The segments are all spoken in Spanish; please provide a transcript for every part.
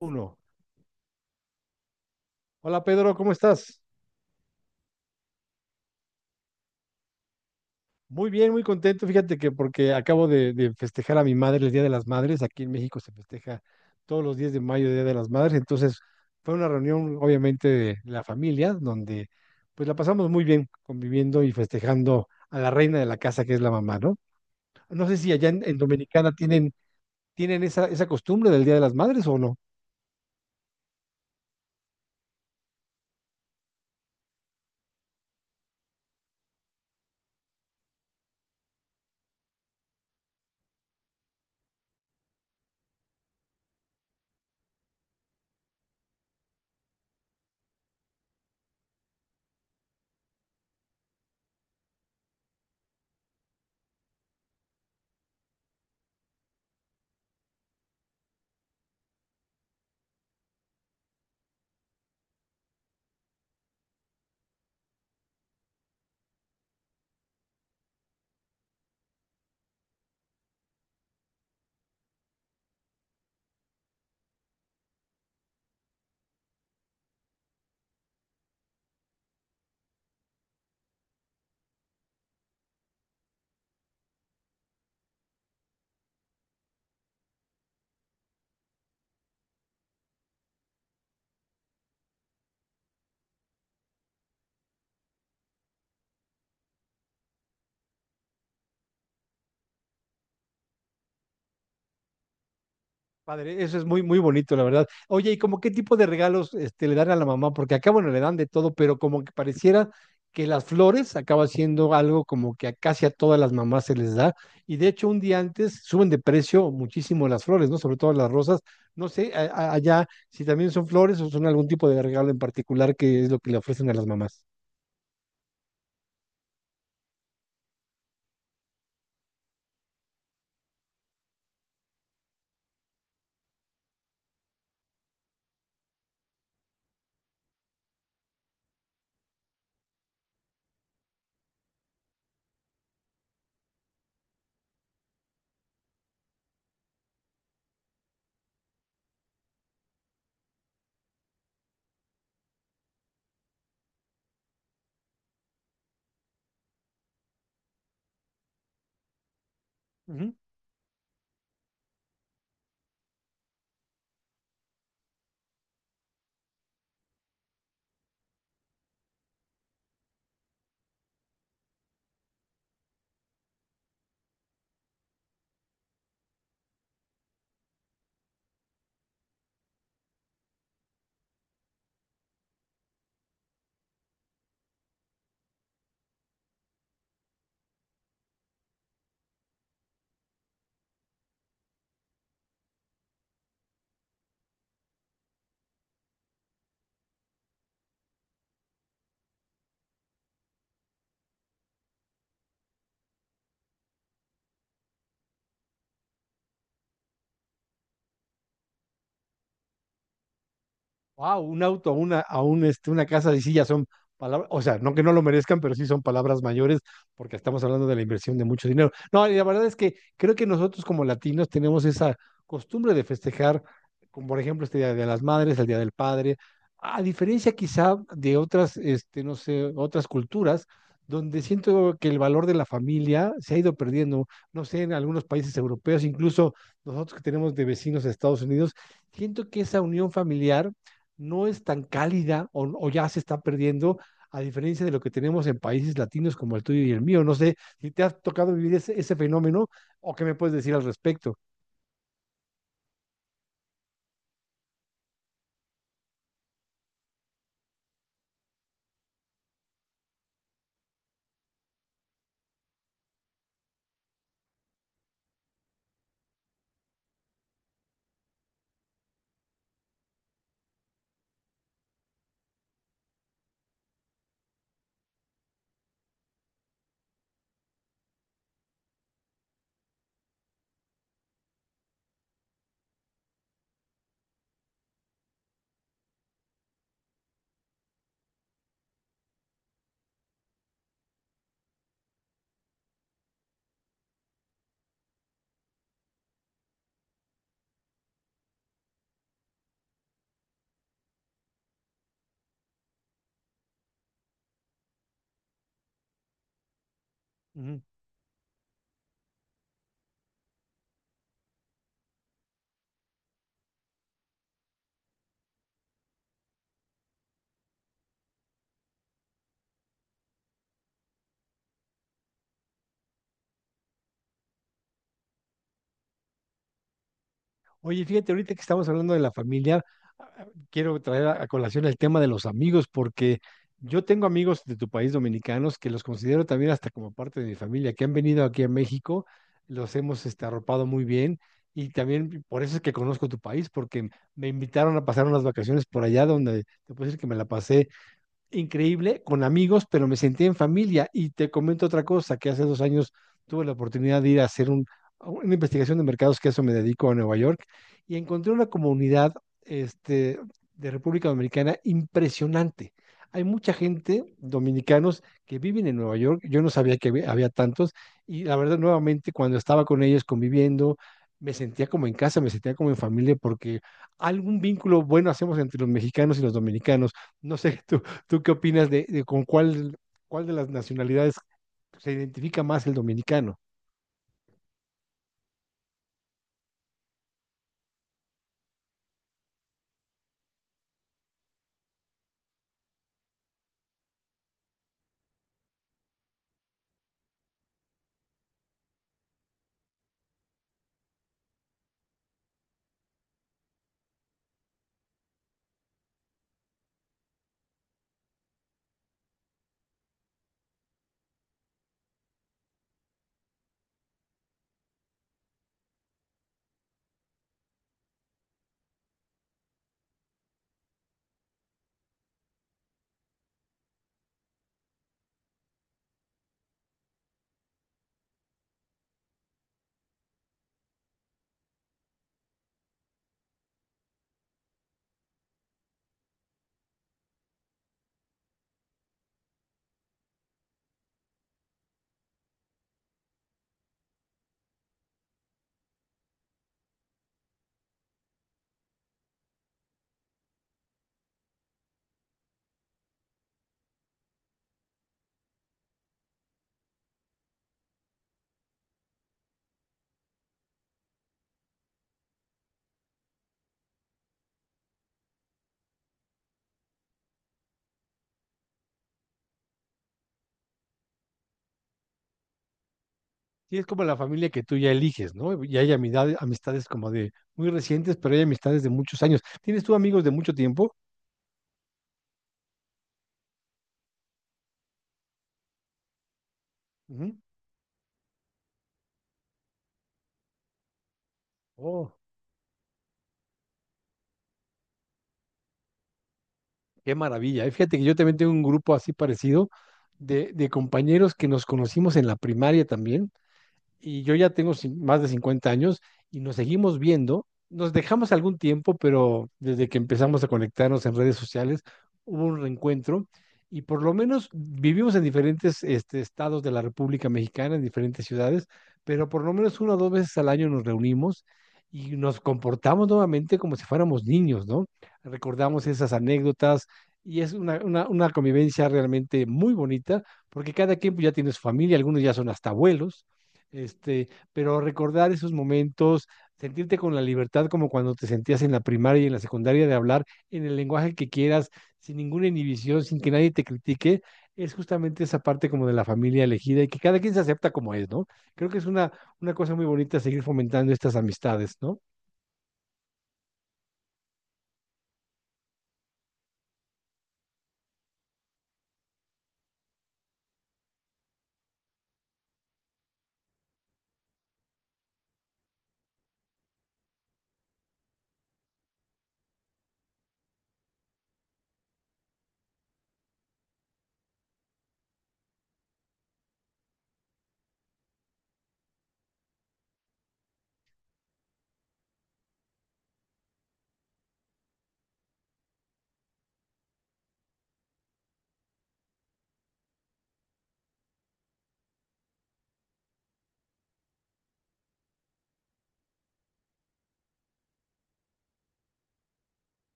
Uno. Hola Pedro, ¿cómo estás? Muy bien, muy contento. Fíjate que porque acabo de festejar a mi madre el Día de las Madres. Aquí en México se festeja todos los 10 de mayo el Día de las Madres. Entonces fue una reunión obviamente de la familia donde pues la pasamos muy bien conviviendo y festejando a la reina de la casa que es la mamá, ¿no? No sé si allá en Dominicana tienen, tienen esa costumbre del Día de las Madres o no. Padre, eso es muy, muy bonito, la verdad. Oye, ¿y como qué tipo de regalos este, le dan a la mamá? Porque acá, bueno, le dan de todo, pero como que pareciera que las flores acaba siendo algo como que a casi a todas las mamás se les da. Y de hecho, un día antes suben de precio muchísimo las flores, ¿no? Sobre todo las rosas. No sé, allá si también son flores o son algún tipo de regalo en particular que es lo que le ofrecen a las mamás. Ujú. Wow, un auto, una, a un, este, una casa de sillas son palabras, o sea, no que no lo merezcan, pero sí son palabras mayores porque estamos hablando de la inversión de mucho dinero. No, y la verdad es que creo que nosotros como latinos tenemos esa costumbre de festejar, como por ejemplo este Día de las Madres, el Día del Padre, a diferencia quizá de otras, este, no sé, otras culturas, donde siento que el valor de la familia se ha ido perdiendo, no sé, en algunos países europeos, incluso nosotros que tenemos de vecinos de Estados Unidos, siento que esa unión familiar no es tan cálida o ya se está perdiendo, a diferencia de lo que tenemos en países latinos como el tuyo y el mío. No sé si te has tocado vivir ese fenómeno o qué me puedes decir al respecto. Ujú. Oye, fíjate, ahorita que estamos hablando de la familia, quiero traer a colación el tema de los amigos, porque yo tengo amigos de tu país dominicanos que los considero también hasta como parte de mi familia, que han venido aquí a México, los hemos este, arropado muy bien y también por eso es que conozco tu país, porque me invitaron a pasar unas vacaciones por allá donde te puedo decir que me la pasé increíble con amigos, pero me sentí en familia. Y te comento otra cosa, que hace dos años tuve la oportunidad de ir a hacer un, una investigación de mercados, que a eso me dedico a Nueva York, y encontré una comunidad este, de República Dominicana impresionante. Hay mucha gente, dominicanos, que viven en Nueva York. Yo no sabía que había tantos. Y la verdad, nuevamente, cuando estaba con ellos conviviendo, me sentía como en casa, me sentía como en familia, porque algún vínculo bueno hacemos entre los mexicanos y los dominicanos. No sé tú. ¿Tú qué opinas de con cuál, cuál de las nacionalidades se identifica más el dominicano? Sí, es como la familia que tú ya eliges, ¿no? Y hay amistades, amistades como de muy recientes, pero hay amistades de muchos años. ¿Tienes tú amigos de mucho tiempo? Ujú. Oh, qué maravilla. Y fíjate que yo también tengo un grupo así parecido de compañeros que nos conocimos en la primaria también y yo ya tengo más de 50 años y nos seguimos viendo. Nos dejamos algún tiempo, pero desde que empezamos a conectarnos en redes sociales hubo un reencuentro y por lo menos vivimos en diferentes este, estados de la República Mexicana, en diferentes ciudades, pero por lo menos una o dos veces al año nos reunimos y nos comportamos nuevamente como si fuéramos niños, ¿no? Recordamos esas anécdotas y es una convivencia realmente muy bonita porque cada quien pues, ya tiene su familia, algunos ya son hasta abuelos este, pero recordar esos momentos, sentirte con la libertad como cuando te sentías en la primaria y en la secundaria de hablar en el lenguaje que quieras, sin ninguna inhibición, sin que nadie te critique, es justamente esa parte como de la familia elegida y que cada quien se acepta como es, ¿no? Creo que es una cosa muy bonita seguir fomentando estas amistades, ¿no?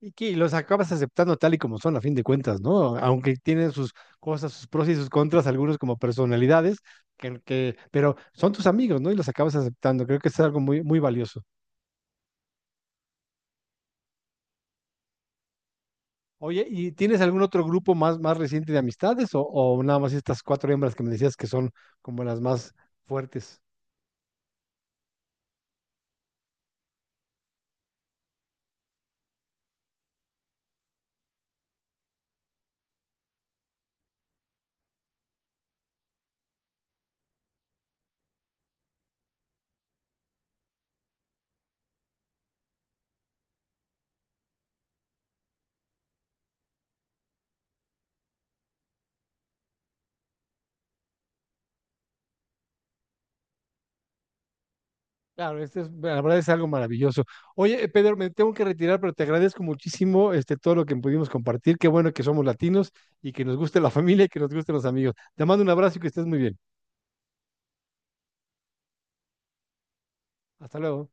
Y que los acabas aceptando tal y como son, a fin de cuentas, ¿no? Aunque tienen sus cosas, sus pros y sus contras, algunos como personalidades, pero son tus amigos, ¿no? Y los acabas aceptando. Creo que es algo muy, muy valioso. Oye, ¿y tienes algún otro grupo más, más reciente de amistades o nada más estas cuatro hembras que me decías que son como las más fuertes? Claro, este es, la verdad es algo maravilloso. Oye, Pedro, me tengo que retirar, pero te agradezco muchísimo este, todo lo que pudimos compartir. Qué bueno que somos latinos y que nos guste la familia y que nos gusten los amigos. Te mando un abrazo y que estés muy bien. Hasta luego.